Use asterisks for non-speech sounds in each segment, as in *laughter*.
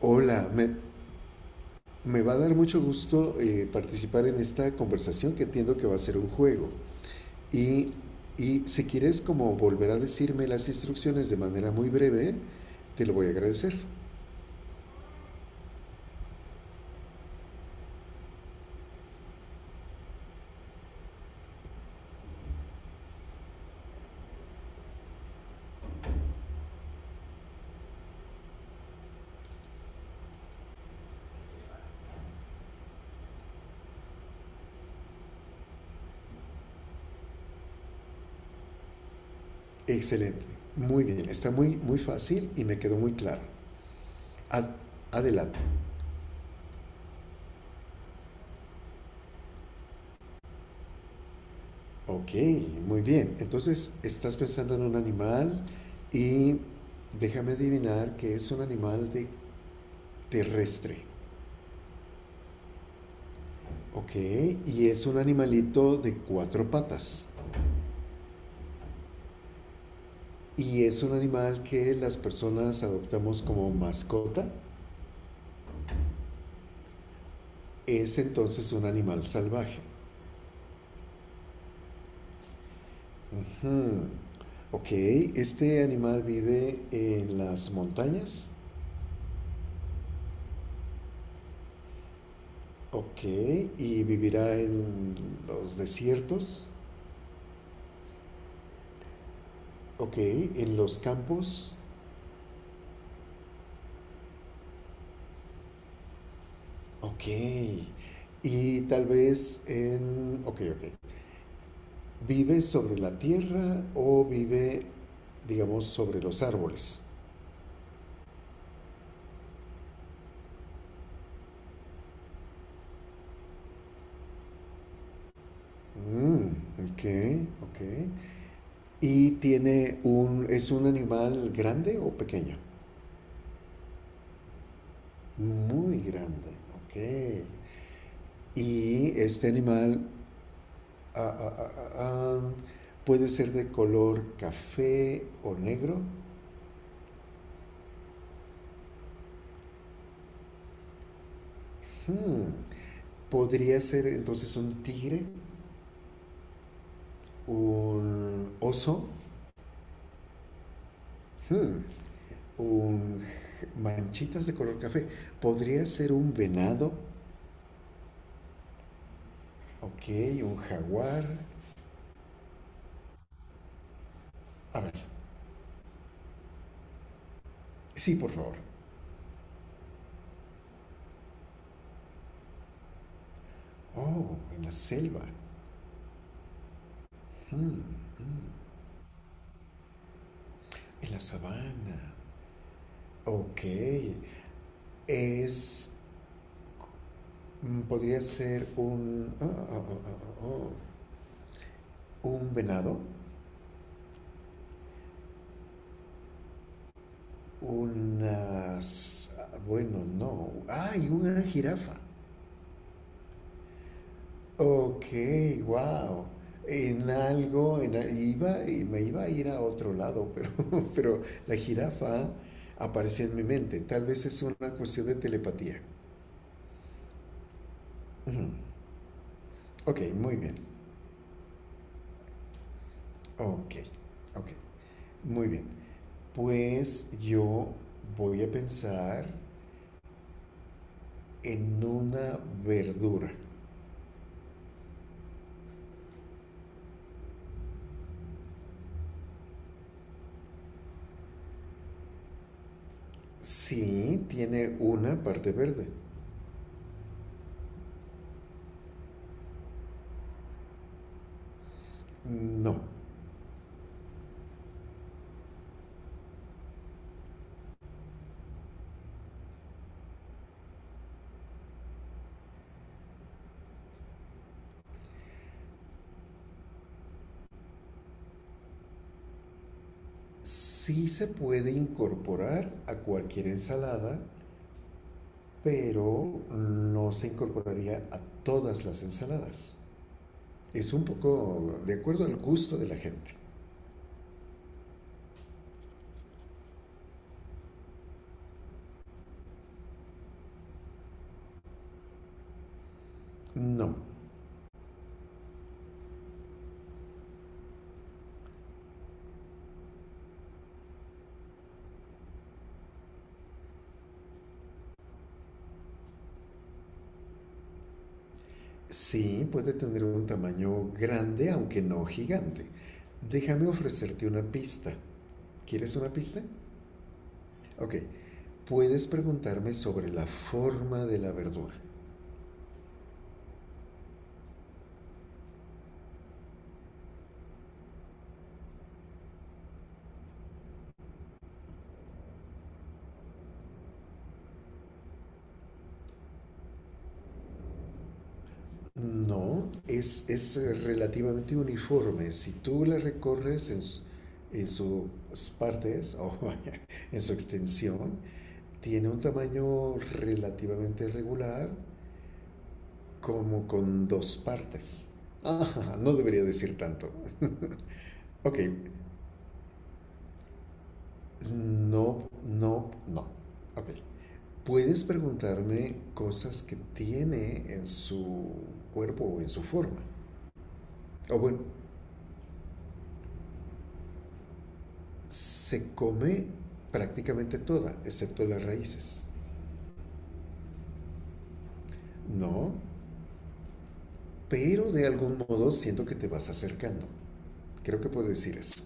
Hola, me va a dar mucho gusto participar en esta conversación que entiendo que va a ser un juego. Y, y si quieres como volver a decirme las instrucciones de manera muy breve, te lo voy a agradecer. Excelente, muy bien, está muy, muy fácil y me quedó muy claro. Ad- Adelante. Ok, muy bien. Entonces, estás pensando en un animal y déjame adivinar que es un animal de terrestre. Ok, y es un animalito de cuatro patas. Y es un animal que las personas adoptamos como mascota. Es entonces un animal salvaje. Ujú. Ok, este animal vive en las montañas. Ok, y vivirá en los desiertos. Ok, en los campos. Ok, y tal vez en... Ok, ok. ¿Vive sobre la tierra o vive, digamos, sobre los árboles? Mm, ok, ok. ¿Y tiene un, es un animal grande o pequeño? Muy grande, ok. ¿Y este animal ah, ah, ah, ah, ah, puede ser de color café o negro? Hmm, ¿podría ser entonces un tigre? ¿Un oso? Hmm, un manchitas de color café. Podría ser un venado, ok, un jaguar. A ver, sí, por favor. Oh, en la selva, en la sabana. Ok, es. Mm, podría ser un. Oh, un venado. Unas. Bueno, no. ¡Ay! Una jirafa. Ok, wow. En algo, en, iba, y me iba a ir a otro lado, pero, *laughs* pero la jirafa apareció en mi mente. Tal vez es una cuestión de telepatía. Ujú. Ok, muy bien. Ok, ok, muy bien. Pues yo voy a pensar en una verdura. Sí, tiene una parte verde. No. Sí se puede incorporar a cualquier ensalada, pero no se incorporaría a todas las ensaladas. Es un poco de acuerdo al gusto de la gente. No, sí puede tener un tamaño grande, aunque no gigante. Déjame ofrecerte una pista. ¿Quieres una pista? Ok, puedes preguntarme sobre la forma de la verdura. No, es relativamente uniforme. Si tú la recorres en, en sus partes o *laughs* en su extensión, tiene un tamaño relativamente regular, como con dos partes. Ah, *laughs* no debería decir tanto. *laughs* Ok, no, no, no. Ok. Puedes preguntarme cosas que tiene en su cuerpo o en su forma. O bueno, se come prácticamente toda, excepto las raíces, ¿no? Pero de algún modo siento que te vas acercando. Creo que puedo decir eso.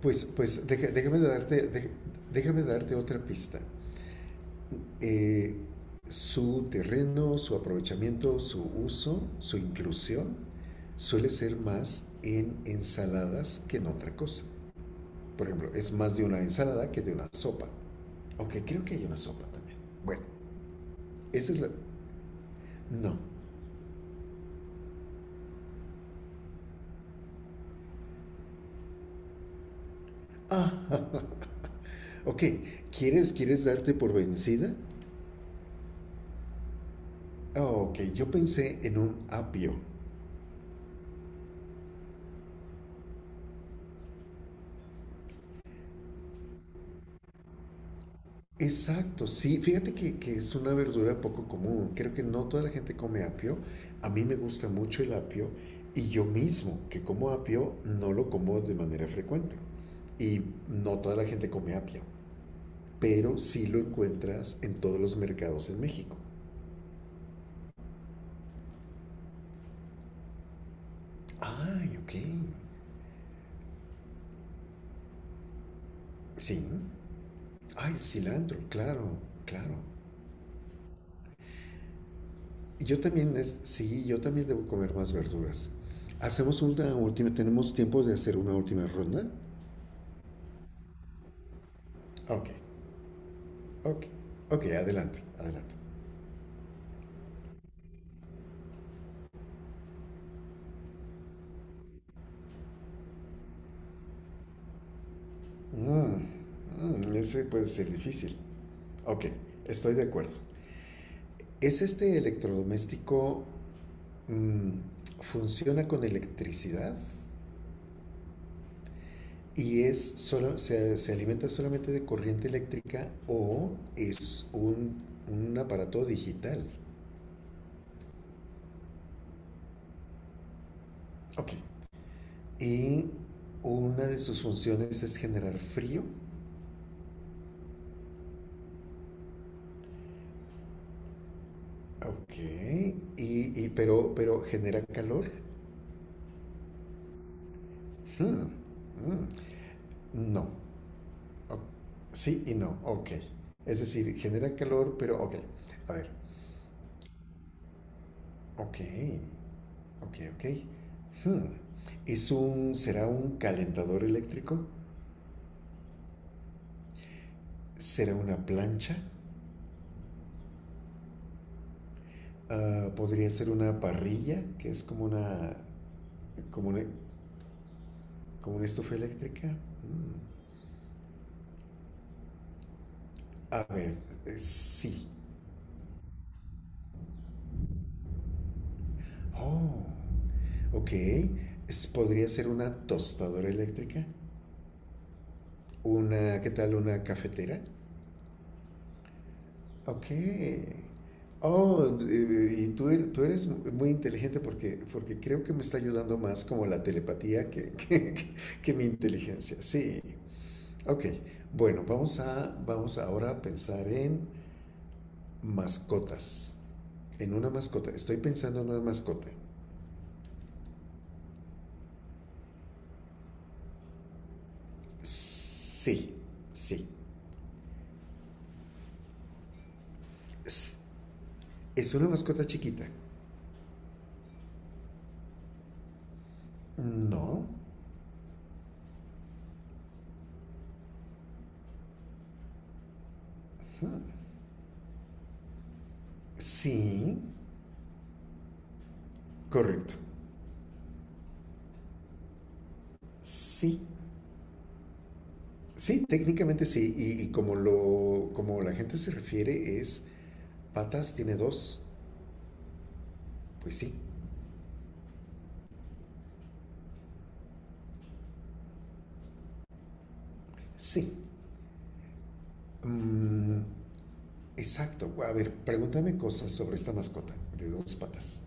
Pues, pues deja- déjame, darte, dej- Déjame darte otra pista. Eh, su terreno, su aprovechamiento, su uso, su inclusión suele ser más en ensaladas que en otra cosa. Por ejemplo, es más de una ensalada que de una sopa. Aunque creo que hay una sopa también. Bueno, esa es la... No, ah, *laughs* ok. ¿Quieres darte por vencida? Ah, ok, yo pensé en un apio. Exacto, sí, fíjate que es una verdura poco común. Creo que no toda la gente come apio. A mí me gusta mucho el apio y yo mismo que como apio no lo como de manera frecuente. Y no toda la gente come apio, pero sí lo encuentras en todos los mercados en México. Ay, ok. Sí. Ay, el cilantro, claro, claro. Yo también, es, sí, yo también debo comer más verduras. Hacemos una última, tenemos tiempo de hacer una última ronda. Ok, ok, ok, adelante, adelante. Mm, mm, ese puede ser difícil. Ok, estoy de acuerdo. ¿Es este electrodoméstico funciona con electricidad y es solo, se alimenta solamente de corriente eléctrica o es un aparato digital? Ok, y una de sus funciones es generar frío. Ok. Y, pero genera calor. Hmm, mm, no. O- sí y no. Ok. Es decir, genera calor, pero ok. A ver. Ok. Ok, ok. Hmm. ¿Es un, será un calentador eléctrico? ¿Será una plancha? Ah, ¿podría ser una parrilla, que es como una, como una, como una estufa eléctrica? Mm. A ver, sí. Oh, ok. Podría ser una tostadora eléctrica. Una, ¿qué tal? Una cafetera. Ok. Oh, y tú, tú eres muy inteligente porque, porque creo que me está ayudando más como la telepatía que, *laughs* que mi inteligencia. Sí. Ok. Bueno, vamos a, vamos ahora a pensar en mascotas. En una mascota. Estoy pensando en una mascota. Sí, sí. ¿Es una mascota chiquita? No. Sí. Correcto. Sí. Sí, técnicamente sí. Y como lo, como la gente se refiere es, patas tiene dos. Pues sí. Sí. Mm, exacto. A ver, pregúntame cosas sobre esta mascota de dos patas.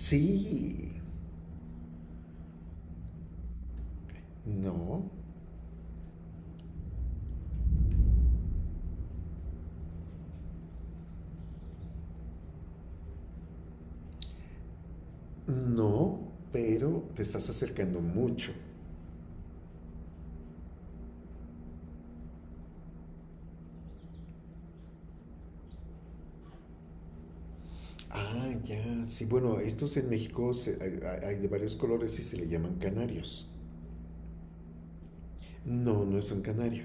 Sí. No. No. Pero te estás acercando mucho. Ah, ya. Sí, bueno, estos en México hay, hay de varios colores y se le llaman canarios. No, no es un canario,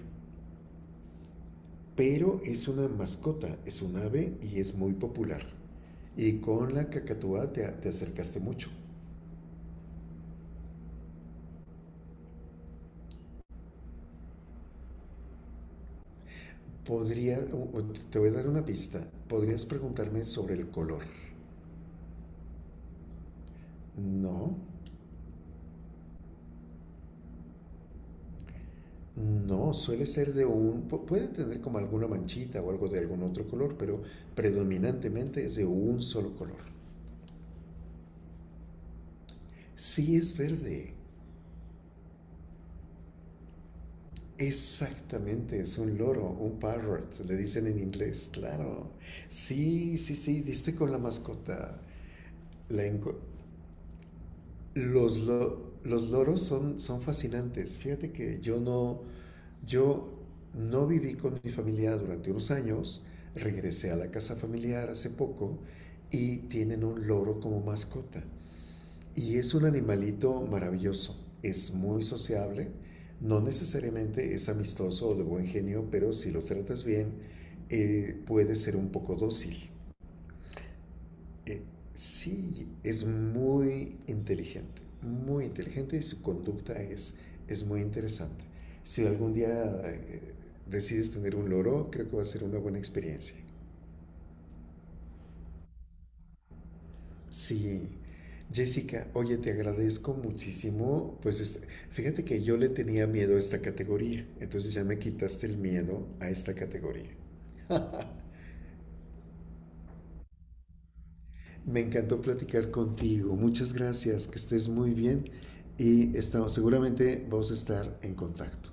pero es una mascota, es un ave y es muy popular. Y con la cacatúa te, te acercaste mucho. Podría, o te voy a dar una pista. Podrías preguntarme sobre el color. No, no, suele ser de un, puede tener como alguna manchita o algo de algún otro color, pero predominantemente es de un solo color. Sí es verde. Exactamente, es un loro, un parrot, le dicen en inglés, claro. Sí, sí, sí, diste con la mascota. La enco- los loros son, son fascinantes. Fíjate que yo no, yo no viví con mi familia durante unos años, regresé a la casa familiar hace poco y tienen un loro como mascota. Y es un animalito maravilloso, es muy sociable, no necesariamente es amistoso o de buen genio, pero si lo tratas bien, puede ser un poco dócil. Eh, sí, es muy inteligente y su conducta es muy interesante. Si algún día decides tener un loro, creo que va a ser una buena experiencia. Sí, Jessica, oye, te agradezco muchísimo. Pues este- fíjate que yo le tenía miedo a esta categoría, entonces ya me quitaste el miedo a esta categoría. *laughs* Me encantó platicar contigo. Muchas gracias, que estés muy bien y estamos, seguramente vamos a estar en contacto.